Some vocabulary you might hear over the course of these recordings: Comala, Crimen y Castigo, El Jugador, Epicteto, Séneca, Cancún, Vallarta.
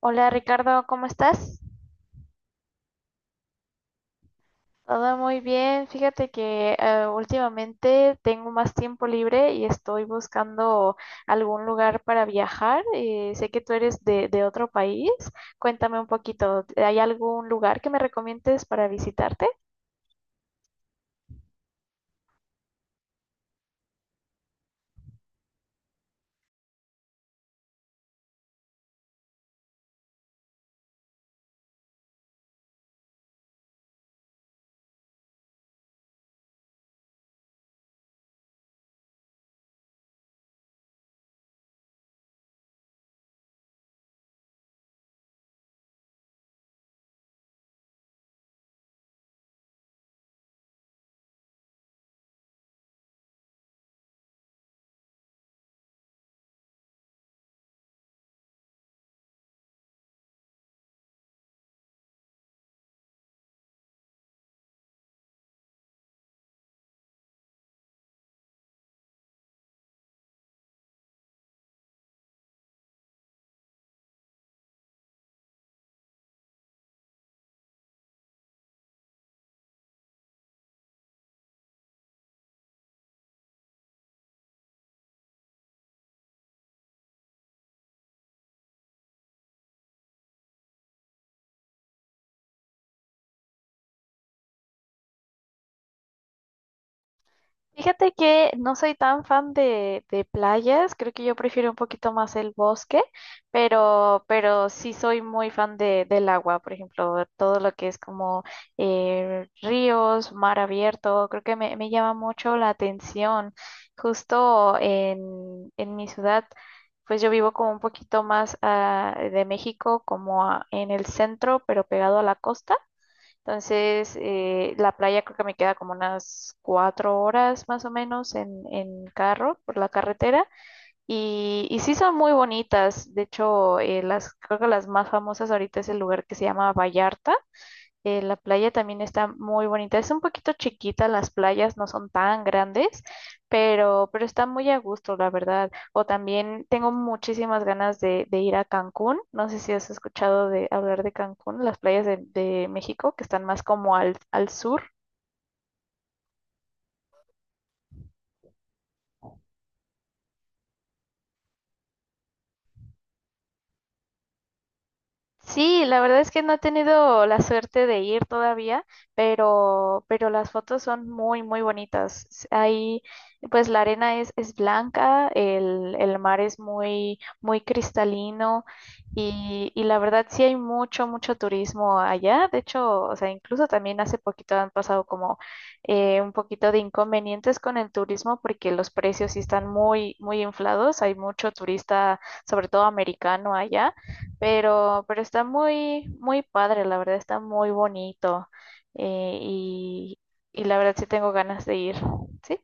Hola Ricardo, ¿cómo estás? Todo muy bien. Fíjate que últimamente tengo más tiempo libre y estoy buscando algún lugar para viajar. Sé que tú eres de otro país. Cuéntame un poquito, ¿hay algún lugar que me recomiendes para visitarte? Fíjate que no soy tan fan de playas, creo que yo prefiero un poquito más el bosque, pero sí soy muy fan del agua, por ejemplo, todo lo que es como ríos, mar abierto, creo que me llama mucho la atención. Justo en mi ciudad, pues yo vivo como un poquito más de México, como en el centro, pero pegado a la costa. Entonces, la playa creo que me queda como unas 4 horas más o menos en carro por la carretera. Y sí son muy bonitas. De hecho, creo que las más famosas ahorita es el lugar que se llama Vallarta, la playa también está muy bonita. Es un poquito chiquita, las playas no son tan grandes, pero está muy a gusto, la verdad. O también tengo muchísimas ganas de ir a Cancún. No sé si has escuchado de hablar de Cancún, las playas de México, que están más como al sur. Sí, la verdad es que no he tenido la suerte de ir todavía, pero las fotos son muy, muy bonitas. Ahí, pues la arena es blanca, el mar es muy, muy cristalino y la verdad sí hay mucho, mucho turismo allá. De hecho, o sea, incluso también hace poquito han pasado como un poquito de inconvenientes con el turismo porque los precios sí están muy, muy inflados. Hay mucho turista, sobre todo americano allá. Pero está muy, muy padre, la verdad, está muy bonito. eh, y, y la verdad sí tengo ganas de ir. Sí,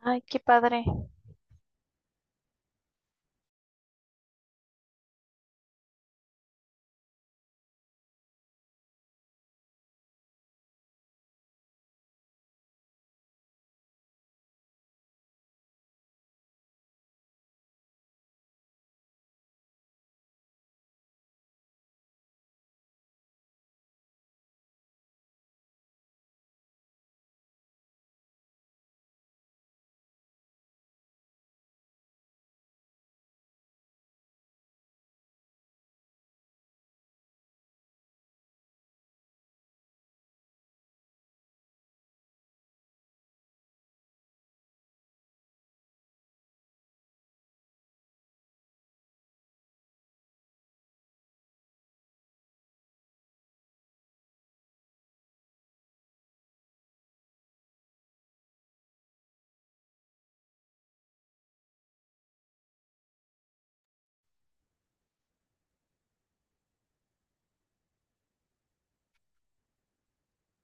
ay, qué padre.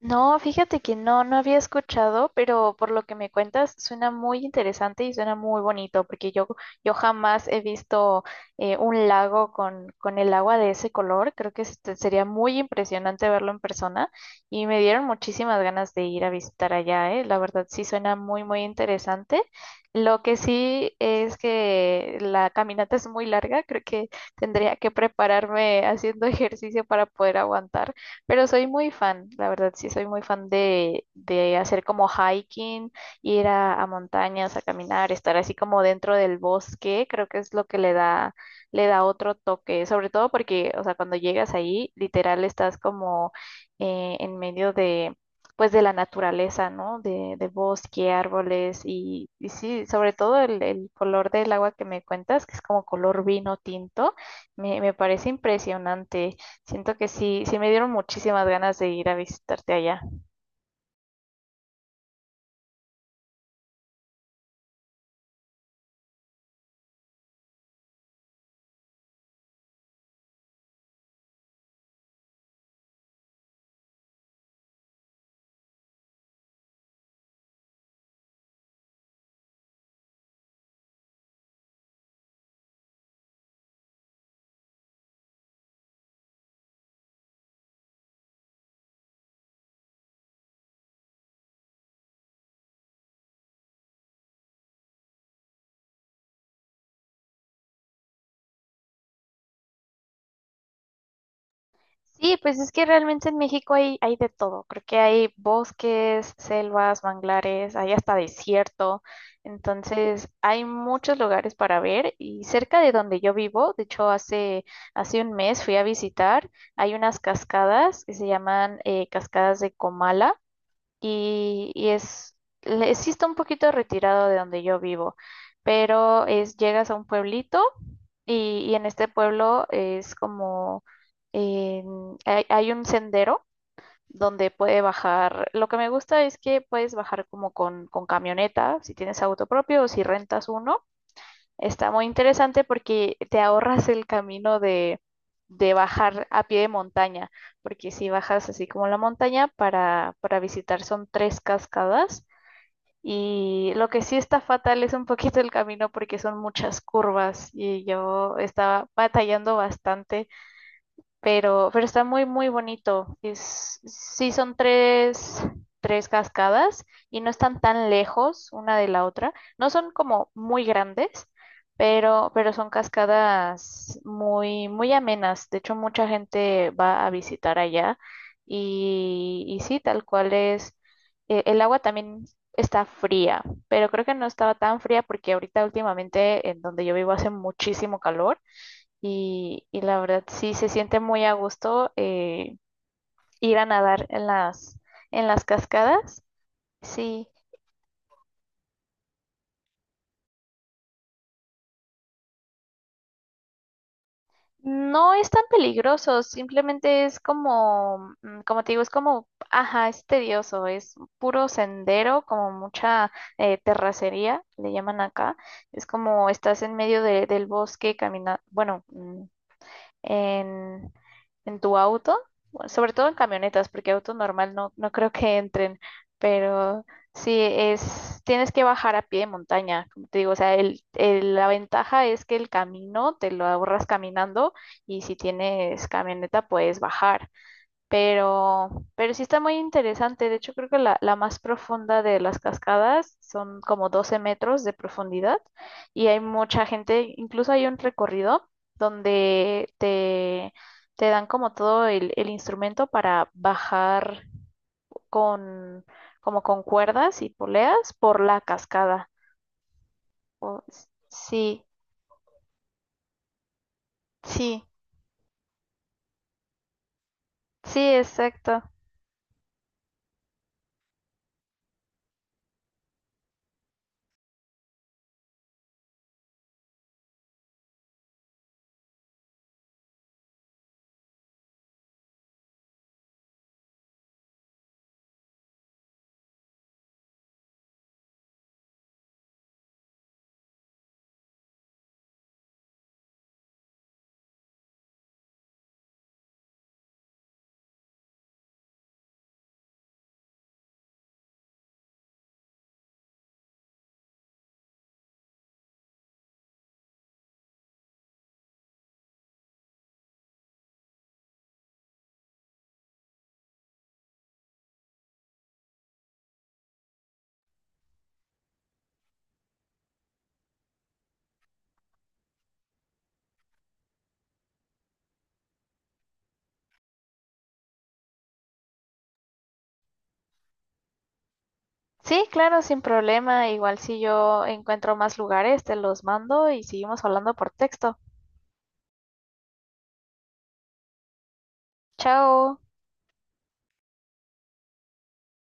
No, fíjate que no, no había escuchado, pero por lo que me cuentas suena muy interesante y suena muy bonito, porque yo jamás he visto un lago con el agua de ese color. Creo que este, sería muy impresionante verlo en persona y me dieron muchísimas ganas de ir a visitar allá, ¿eh? La verdad sí suena muy, muy interesante. Lo que sí es que la caminata es muy larga, creo que tendría que prepararme haciendo ejercicio para poder aguantar. Pero soy muy fan, la verdad, sí soy muy fan de hacer como hiking, ir a montañas, a caminar, estar así como dentro del bosque, creo que es lo que le le da otro toque, sobre todo porque, o sea, cuando llegas ahí, literal estás como eh, en medio de, pues de la naturaleza, ¿no? De bosque, árboles y sí, sobre todo el color del agua que me cuentas, que es como color vino tinto, me parece impresionante. Siento que sí, sí me dieron muchísimas ganas de ir a visitarte allá. Sí, pues es que realmente en México hay de todo. Creo que hay bosques, selvas, manglares, hay hasta desierto. Entonces, hay muchos lugares para ver y cerca de donde yo vivo, de hecho, hace un mes fui a visitar, hay unas cascadas que se llaman cascadas de Comala y, y es, sí está un poquito retirado de donde yo vivo, pero es, llegas a un pueblito y en este pueblo es como, hay un sendero donde puede bajar, lo que me gusta es que puedes bajar como con camioneta, si tienes auto propio o si rentas uno. Está muy interesante porque te ahorras el camino de bajar a pie de montaña, porque si bajas así como la montaña para visitar son tres cascadas y lo que sí está fatal es un poquito el camino porque son muchas curvas y yo estaba batallando bastante, pero está muy, muy bonito. Es, sí son tres cascadas y no están tan lejos una de la otra. No son como muy grandes, pero son cascadas muy, muy amenas. De hecho, mucha gente va a visitar allá y sí, tal cual es. El agua también está fría, pero creo que no estaba tan fría porque ahorita últimamente en donde yo vivo hace muchísimo calor y la verdad sí se siente muy a gusto, ir a nadar en las cascadas. Sí, no es tan peligroso, simplemente es como, mm, como te digo, es como, ajá, es tedioso, es puro sendero, como mucha terracería, le llaman acá. Es como estás en medio del bosque caminando, bueno. En, en tu auto, bueno, sobre todo en camionetas, porque auto normal no, no creo que entren, pero sí es, tienes que bajar a pie de montaña, como te digo, o sea, la ventaja es que el camino te lo ahorras caminando y si tienes camioneta puedes bajar. Pero, pero sí está muy interesante. De hecho, creo que la más profunda de las cascadas son como 12 metros de profundidad y hay mucha gente, incluso hay un recorrido donde te dan como todo el instrumento para bajar con, como con cuerdas y poleas por la cascada. O- sí, sí, sí, exacto. Sí, claro, sin problema. Igual si yo encuentro más lugares, te los mando y seguimos hablando por texto. Chao.